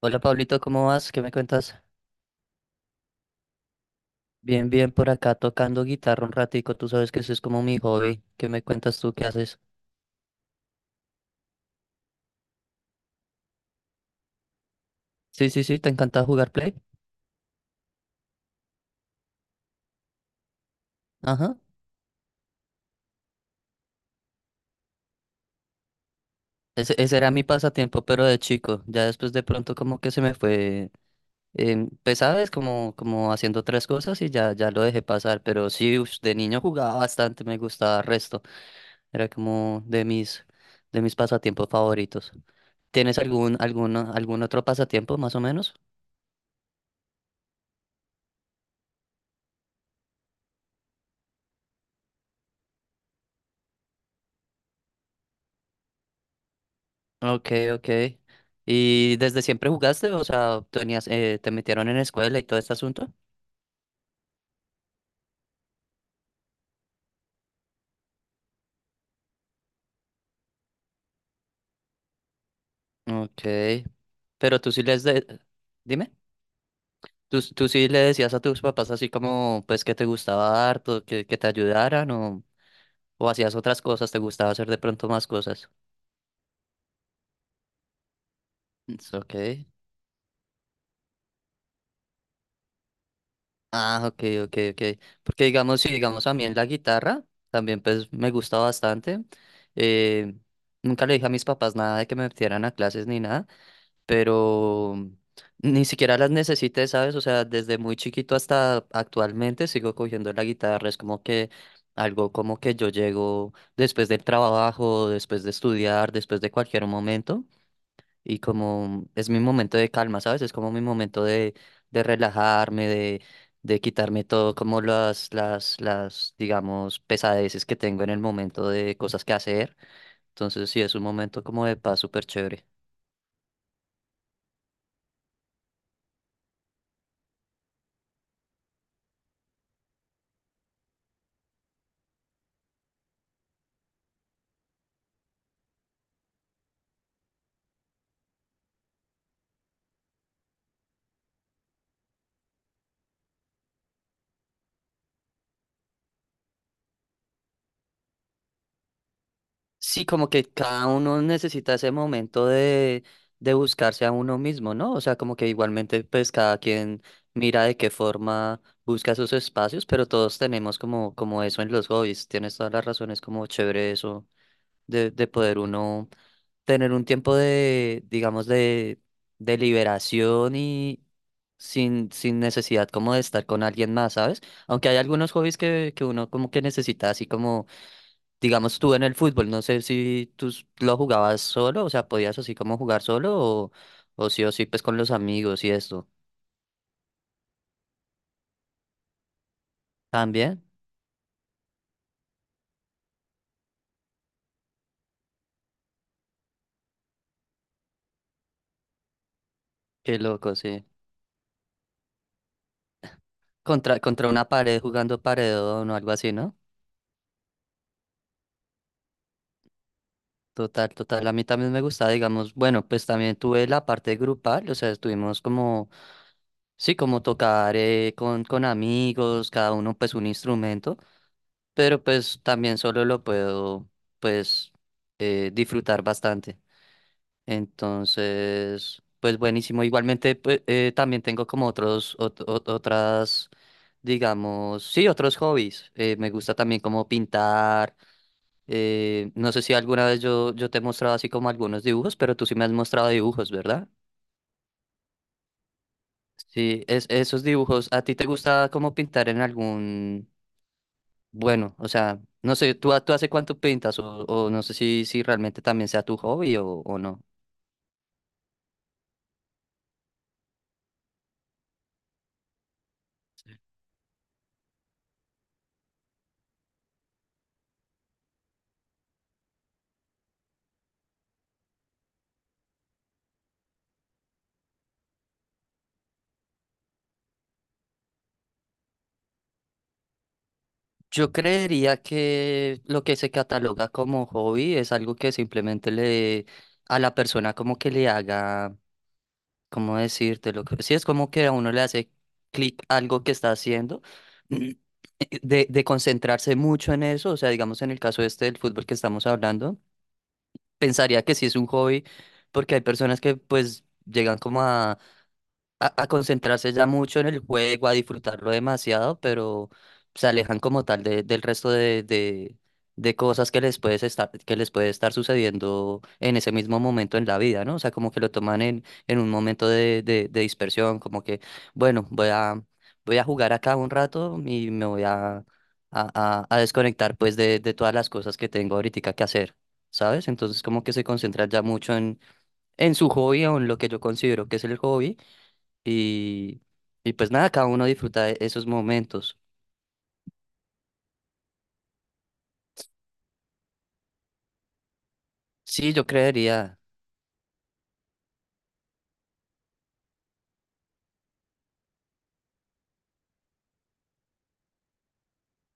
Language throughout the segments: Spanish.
Hola Pablito, ¿cómo vas? ¿Qué me cuentas? Bien, bien, por acá tocando guitarra un ratico, tú sabes que eso es como mi hobby. ¿Qué me cuentas tú? ¿Qué haces? Sí, sí, sí, ¿te encanta jugar Play? Ajá. Ese era mi pasatiempo, pero de chico. Ya después de pronto como que se me fue, pues sabes, como, haciendo otras cosas y ya lo dejé pasar. Pero sí, ush, de niño jugaba bastante, me gustaba resto. Era como de mis, pasatiempos favoritos. ¿Tienes algún otro pasatiempo más o menos? Ok, ok. ¿Y desde siempre jugaste? O sea, tenías, te metieron en escuela y todo este asunto. Ok. Pero tú sí les de... Dime. ¿Tú sí le decías a tus papás así como, pues, que te gustaba harto, que te ayudaran o hacías otras cosas, te gustaba hacer de pronto más cosas? It's Ok. Ah, ok, ok, ok. Porque digamos, sí, digamos a mí en la guitarra también pues me gusta bastante. Eh, nunca le dije a mis papás nada de que me metieran a clases ni nada. Pero ni siquiera las necesité, ¿sabes? O sea, desde muy chiquito hasta actualmente sigo cogiendo la guitarra, es como que algo como que yo llego después del trabajo, después de estudiar, después de cualquier momento, y como es mi momento de calma, ¿sabes? Es como mi momento de, relajarme, de quitarme todo, como las, digamos, pesadeces que tengo en el momento de cosas que hacer. Entonces sí, es un momento como de paz súper chévere. Sí, como que cada uno necesita ese momento de buscarse a uno mismo, ¿no? O sea, como que igualmente pues cada quien mira de qué forma busca sus espacios, pero todos tenemos como, como eso en los hobbies. Tienes todas las razones como chévere eso de, poder uno tener un tiempo de, digamos, de, liberación y sin necesidad como de estar con alguien más, ¿sabes? Aunque hay algunos hobbies que uno como que necesita así como. Digamos tú en el fútbol, no sé si tú lo jugabas solo, o sea, podías así como jugar solo o sí pues con los amigos y esto. También, qué loco, sí. Contra, contra una pared jugando paredón o algo así, ¿no? Total, total. A mí también me gusta digamos, bueno, pues también tuve la parte grupal, o sea, estuvimos como, sí, como tocar con, amigos, cada uno pues un instrumento, pero pues también solo lo puedo pues disfrutar bastante. Entonces, pues buenísimo. Igualmente, pues, también tengo como otros, otras, digamos, sí, otros hobbies. Me gusta también como pintar. No sé si alguna vez yo te he mostrado así como algunos dibujos, pero tú sí me has mostrado dibujos, ¿verdad? Sí, esos dibujos, ¿a ti te gusta como pintar en algún, bueno, o sea, no sé, ¿tú hace cuánto pintas o no sé si realmente también sea tu hobby o no? Yo creería que lo que se cataloga como hobby es algo que simplemente le a la persona como que le haga, ¿cómo decírtelo? Sí, es como que a uno le hace clic algo que está haciendo, mm, de, concentrarse mucho en eso, o sea, digamos en el caso este del fútbol que estamos hablando, pensaría que sí es un hobby, porque hay personas que pues llegan como a, concentrarse ya mucho en el juego, a disfrutarlo demasiado, pero se alejan como tal del resto de cosas que les puedes estar, que les puede estar sucediendo en ese mismo momento en la vida, ¿no? O sea, como que lo toman en, un momento de dispersión, como que, bueno, voy a jugar acá un rato y me voy a, desconectar pues de todas las cosas que tengo ahorita que hacer. ¿Sabes? Entonces como que se concentran ya mucho en su hobby o en lo que yo considero que es el hobby y, y pues nada, cada uno disfruta de esos momentos. Sí, yo creería.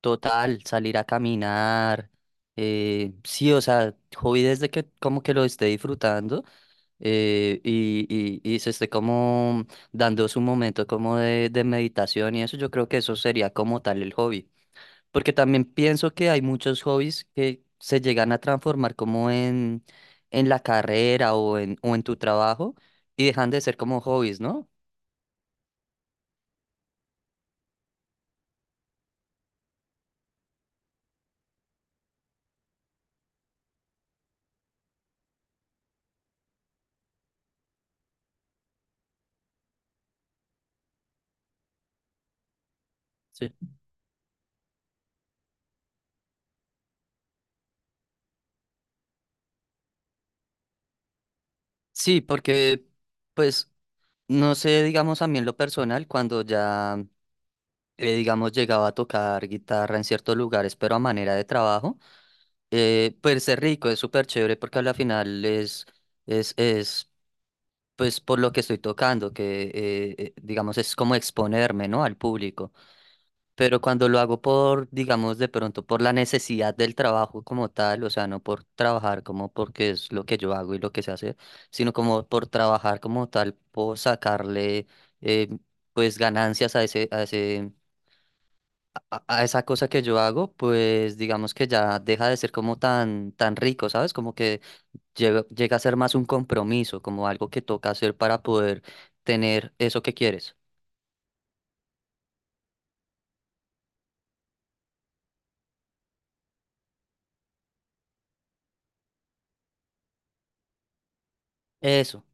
Total, salir a caminar. Sí, o sea, hobby desde que como que lo esté disfrutando y, se esté como dando su momento como de meditación y eso, yo creo que eso sería como tal el hobby. Porque también pienso que hay muchos hobbies que se llegan a transformar como en, la carrera o en tu trabajo y dejan de ser como hobbies, ¿no? Sí. Sí, porque pues no sé, digamos a mí en lo personal, cuando ya digamos llegaba a tocar guitarra en ciertos lugares, pero a manera de trabajo, pues es rico, es súper chévere porque al final es pues por lo que estoy tocando, que digamos es como exponerme, ¿no? Al público. Pero cuando lo hago por, digamos, de pronto por la necesidad del trabajo como tal, o sea, no por trabajar como porque es lo que yo hago y lo que se hace, sino como por trabajar como tal, por sacarle eh, pues ganancias a esa cosa que yo hago, pues digamos que ya deja de ser como tan, tan rico, ¿sabes? Como que llega a ser más un compromiso, como algo que toca hacer para poder tener eso que quieres. Eso.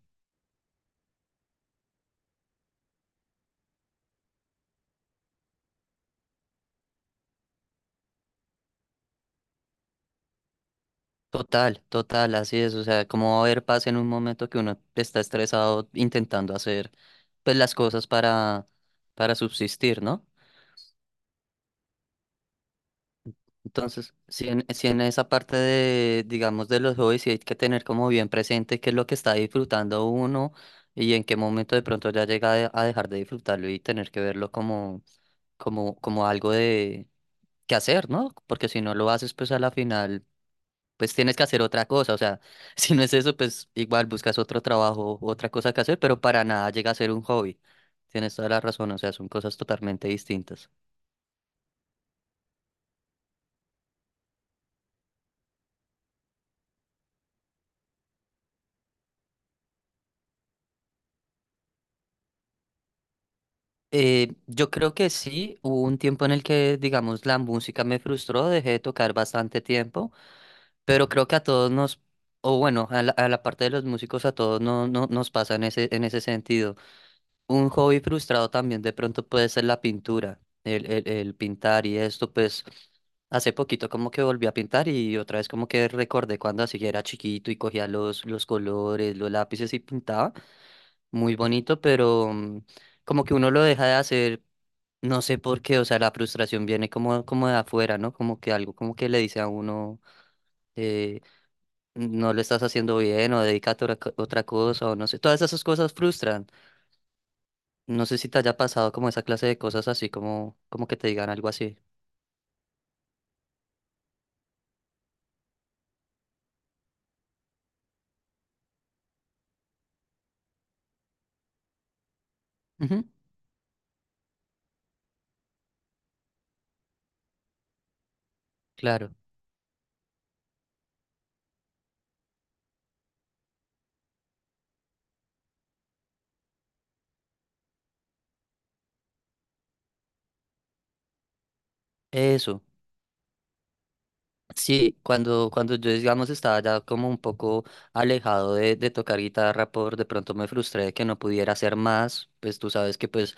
Total, total, así es. O sea, como va a haber paz en un momento que uno está estresado intentando hacer pues las cosas para, subsistir, ¿no? Entonces, si en esa parte de, digamos, de los hobbies, sí hay que tener como bien presente qué es lo que está disfrutando uno y en qué momento de pronto ya llega a dejar de disfrutarlo y tener que verlo como, como algo de que hacer, ¿no? Porque si no lo haces, pues a la final pues tienes que hacer otra cosa. O sea, si no es eso, pues igual buscas otro trabajo, otra cosa que hacer, pero para nada llega a ser un hobby. Tienes toda la razón, o sea, son cosas totalmente distintas. Yo creo que sí, hubo un tiempo en el que, digamos, la música me frustró, dejé de tocar bastante tiempo, pero creo que a todos nos, o bueno, a la, parte de los músicos, a todos no, no, nos pasa en ese sentido. Un hobby frustrado también de pronto puede ser la pintura, el pintar y esto, pues hace poquito como que volví a pintar y otra vez como que recordé cuando así era chiquito y cogía los, colores, los lápices y pintaba, muy bonito, pero como que uno lo deja de hacer, no sé por qué, o sea, la frustración viene como de afuera, ¿no? Como que algo como que le dice a uno, eh, no lo estás haciendo bien o dedícate a otra otra cosa o no sé, todas esas cosas frustran. No sé si te haya pasado como esa clase de cosas así como, que te digan algo así. Ujú. Claro. Eso. Sí, cuando yo, digamos, estaba ya como un poco alejado de tocar guitarra, por de pronto me frustré de que no pudiera hacer más, pues tú sabes que pues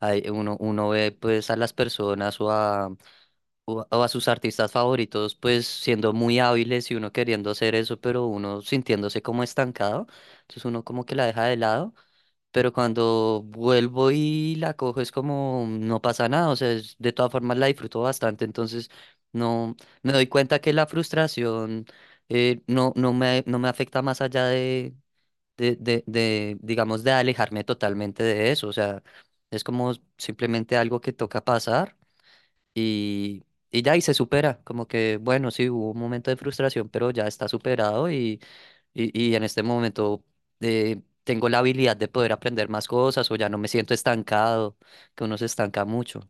hay, uno, uno ve pues a las personas o a, o, a o a sus artistas favoritos pues siendo muy hábiles y uno queriendo hacer eso, pero uno sintiéndose como estancado, entonces uno como que la deja de lado. Pero cuando vuelvo y la cojo es como no pasa nada, o sea, es- de todas formas la disfruto bastante, entonces no me doy cuenta que la frustración no, no me, no me afecta más allá de, de, digamos, de alejarme totalmente de eso, o sea, es como simplemente algo que toca pasar y, y ya, y se supera, como que, bueno, sí, hubo un momento de frustración, pero ya está superado y en este momento tengo la habilidad de poder aprender más cosas o ya no me siento estancado, que uno se estanca mucho.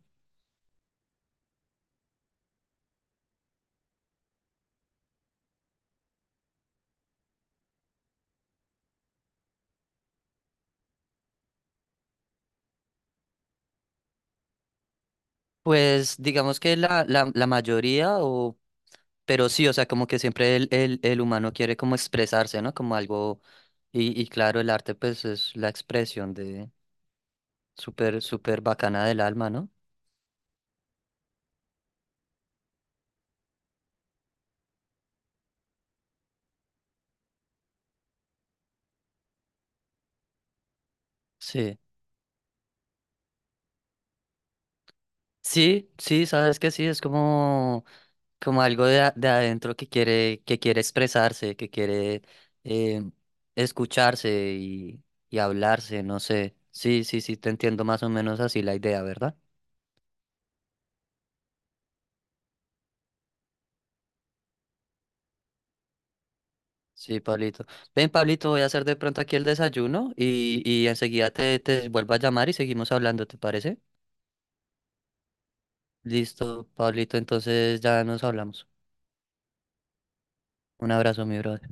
Pues digamos que la, la mayoría, o, pero sí, o sea, como que siempre el, el humano quiere como expresarse, ¿no? Como algo, y claro, el arte pues es la expresión de súper, súper bacana del alma, ¿no? Sí. Sí, sí, sabes que sí, es como... como algo de, de adentro que quiere, expresarse, que quiere eh, escucharse y hablarse, no sé. Sí, sí, sí, te entiendo más o menos así la idea, ¿verdad? Sí, Pablito. Ven, Pablito, voy a hacer de pronto aquí el desayuno y, enseguida te vuelvo a llamar y seguimos hablando, ¿te parece? Listo, Pablito, entonces ya nos hablamos. Un abrazo, mi brother.